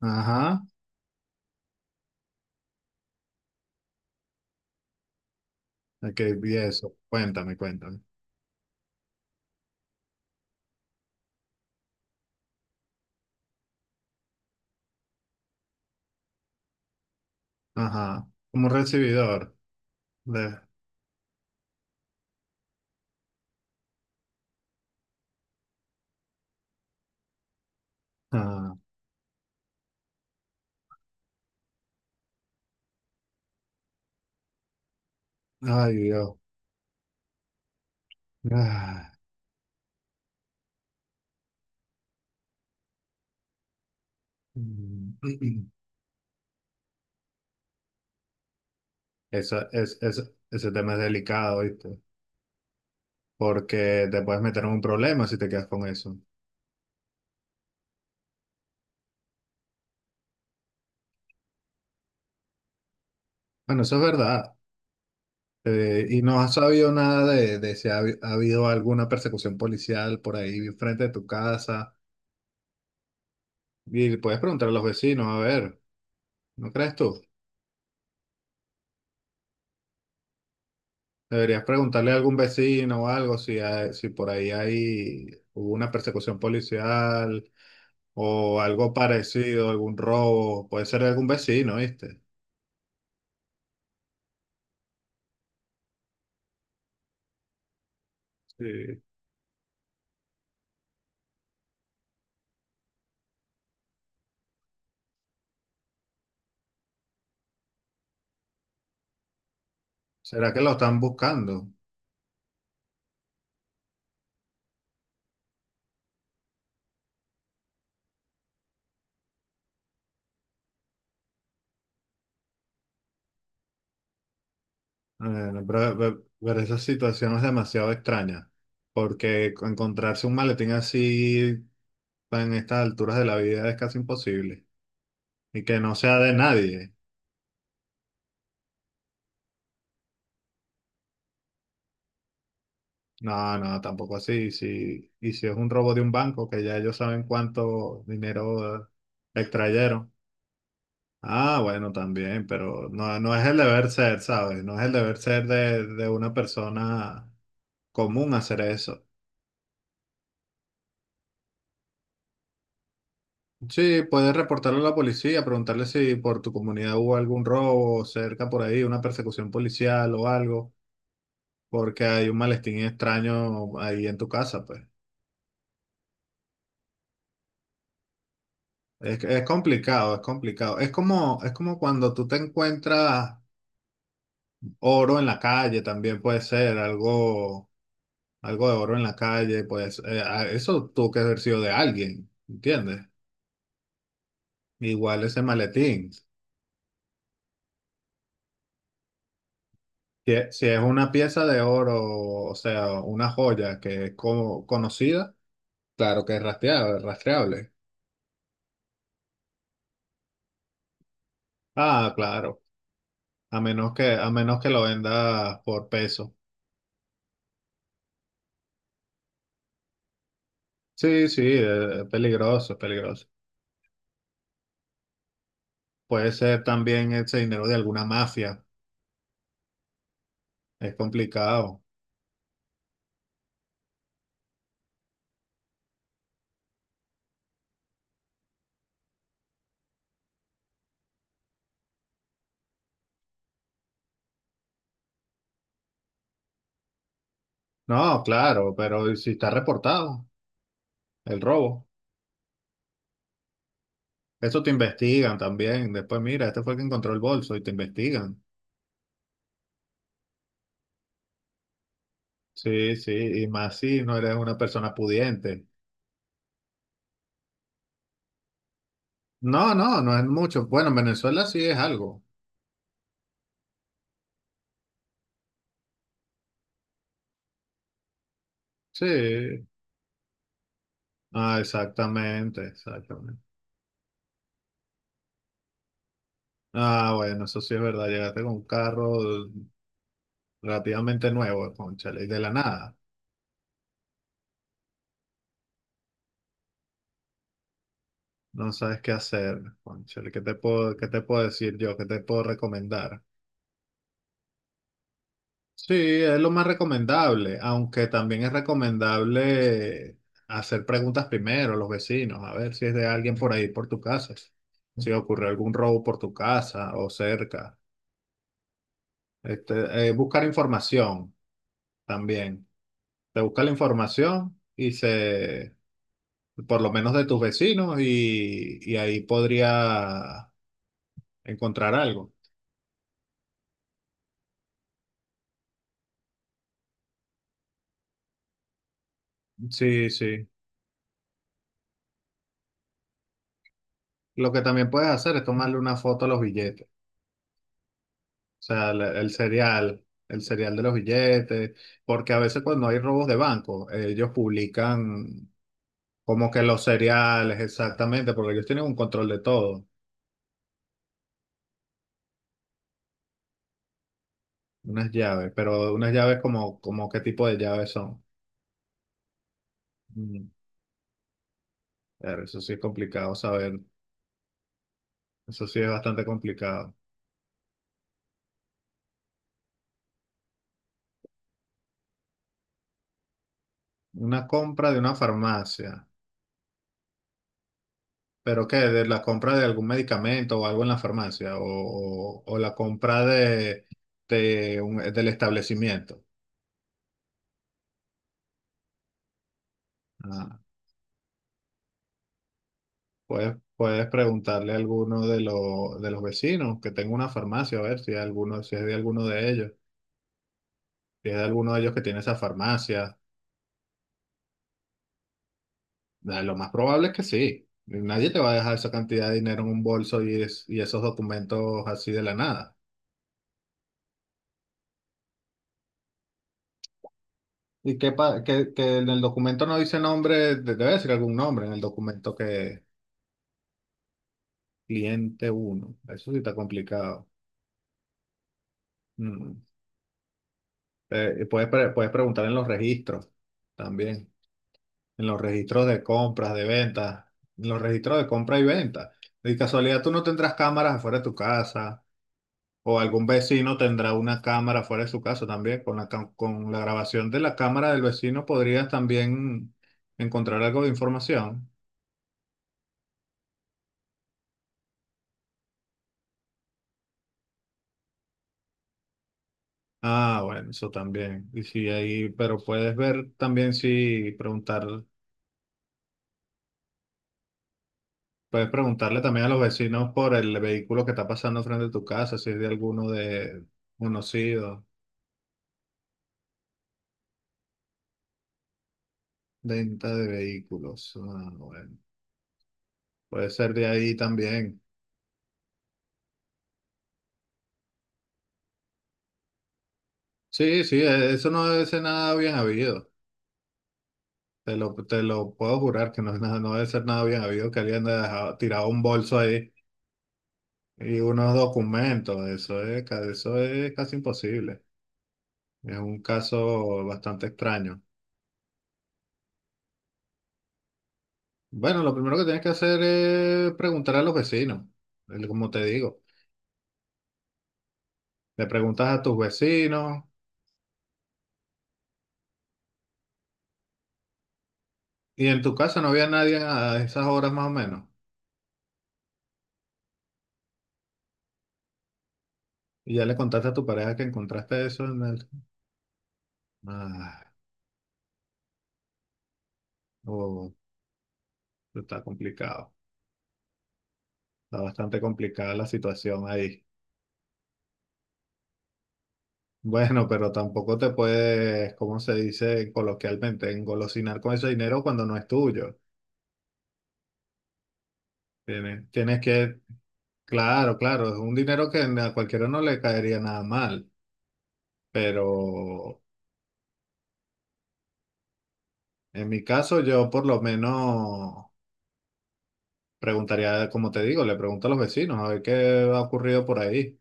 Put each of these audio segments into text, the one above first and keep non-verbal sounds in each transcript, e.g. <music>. Ajá, ok, vi eso. Cuéntame, cuéntame. Ajá, como recibidor. de- ah, ay, Dios. Ah, mm, <clears throat> Ese tema es delicado, ¿viste? Porque te puedes meter en un problema si te quedas con eso. Bueno, eso es verdad. Y no has sabido nada de si ha habido alguna persecución policial por ahí frente de tu casa. Y puedes preguntar a los vecinos, a ver, ¿no crees tú? Deberías preguntarle a algún vecino o algo si, si por ahí hay, hubo una persecución policial o algo parecido, algún robo. Puede ser de algún vecino, ¿viste? Sí. ¿Será que lo están buscando? Pero esa situación es demasiado extraña, porque encontrarse un maletín así en estas alturas de la vida es casi imposible y que no sea de nadie. No, no, tampoco así. Si, y si es un robo de un banco, que ya ellos saben cuánto dinero extrayeron. Ah, bueno, también, pero no, no es el deber ser, ¿sabes? No es el deber ser de una persona común hacer eso. Sí, puedes reportarlo a la policía, preguntarle si por tu comunidad hubo algún robo cerca por ahí, una persecución policial o algo, porque hay un malestín extraño ahí en tu casa, pues. Es complicado, es complicado. Es como cuando tú te encuentras oro en la calle, también puede ser algo, algo de oro en la calle, pues eso tuvo que haber sido de alguien, ¿entiendes? Igual ese maletín. Si, si es una pieza de oro, o sea, una joya que es como conocida, claro que es rastreable, rastreable. Ah, claro. A menos que lo vendas por peso. Sí, sí, es peligroso, es peligroso. Puede ser también ese dinero de alguna mafia. Es complicado. No, claro, ¿pero si está reportado el robo? Eso te investigan también. Después, mira, este fue el que encontró el bolso y te investigan. Sí, sí, y más si no eres una persona pudiente. No, no, no es mucho. Bueno, en Venezuela sí es algo. Sí. Ah, exactamente, exactamente. Ah, bueno, eso sí es verdad. Llegaste con un carro relativamente nuevo, cónchale, y de la nada. No sabes qué hacer, cónchale, qué te puedo decir yo? ¿Qué te puedo recomendar? Sí, es lo más recomendable, aunque también es recomendable hacer preguntas primero a los vecinos, a ver si es de alguien por ahí, por tu casa, si ocurrió algún robo por tu casa o cerca. Este, buscar información también. Te busca la información y se, por lo menos de tus vecinos, y ahí podría encontrar algo. Sí, sí. Lo que también puedes hacer es tomarle una foto a los billetes, o sea, el serial de los billetes, porque a veces cuando hay robos de banco, ellos publican como que los seriales, exactamente, porque ellos tienen un control de todo, unas llaves, pero unas llaves como, como qué tipo de llaves son. Mm, claro, eso sí es complicado saber, eso sí es bastante complicado. Una compra de una farmacia. ¿Pero qué? ¿De la compra de algún medicamento o algo en la farmacia? ¿O, o la compra de, del establecimiento? Ah, puedes, puedes preguntarle a alguno de los vecinos que tenga una farmacia, a ver si, alguno, si es de alguno de ellos. Si es de alguno de ellos que tiene esa farmacia. Ah, lo más probable es que sí. Nadie te va a dejar esa cantidad de dinero en un bolso y, y esos documentos así de la nada. Y que, que en el documento no dice nombre, debe decir algún nombre en el documento que cliente uno, eso sí está complicado. Mm. Puedes preguntar en los registros también. En los registros de compras, de ventas. En los registros de compra y venta. De casualidad, tú no tendrás cámaras afuera de tu casa. O algún vecino tendrá una cámara afuera de su casa también. Con la, con la grabación de la cámara del vecino podrías también encontrar algo de información. Ah, bueno, eso también. Y si ahí, pero puedes ver también si preguntar. Puedes preguntarle también a los vecinos por el vehículo que está pasando frente a tu casa, si es de alguno de conocido, venta de vehículos. Ah, bueno. Puede ser de ahí también. Sí, sí, eso no debe ser nada bien habido. Te lo puedo jurar que no es nada, no debe ser nada bien habido que alguien haya dejado, tirado un bolso ahí y unos documentos. Eso es, eso es casi imposible. Es un caso bastante extraño. Bueno, lo primero que tienes que hacer es preguntar a los vecinos, como te digo. Le preguntas a tus vecinos y en tu casa no había nadie a esas horas más o menos. Y ya le contaste a tu pareja que encontraste eso en el... Ah, oh, está complicado. Está bastante complicada la situación ahí. Bueno, pero tampoco te puedes, como se dice coloquialmente, engolosinar con ese dinero cuando no es tuyo. Tienes, tienes que... Claro, claro, es un dinero que a cualquiera no le caería nada mal. Pero en mi caso, yo por lo menos preguntaría, como te digo, le pregunto a los vecinos a ver qué ha ocurrido por ahí,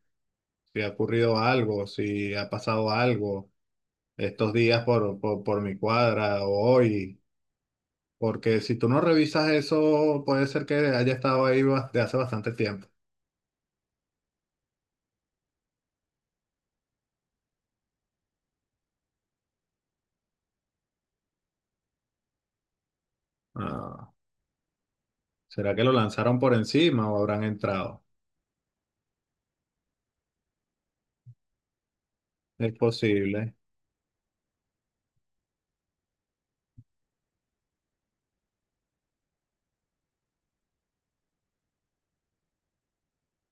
si ha ocurrido algo, si ha pasado algo estos días por mi cuadra o hoy, porque si tú no revisas eso, puede ser que haya estado ahí de hace bastante tiempo. Ah, ¿será que lo lanzaron por encima o habrán entrado? Es posible.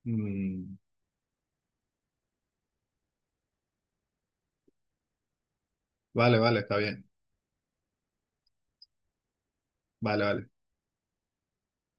Mm, vale, vale, está bien. Vale, vale.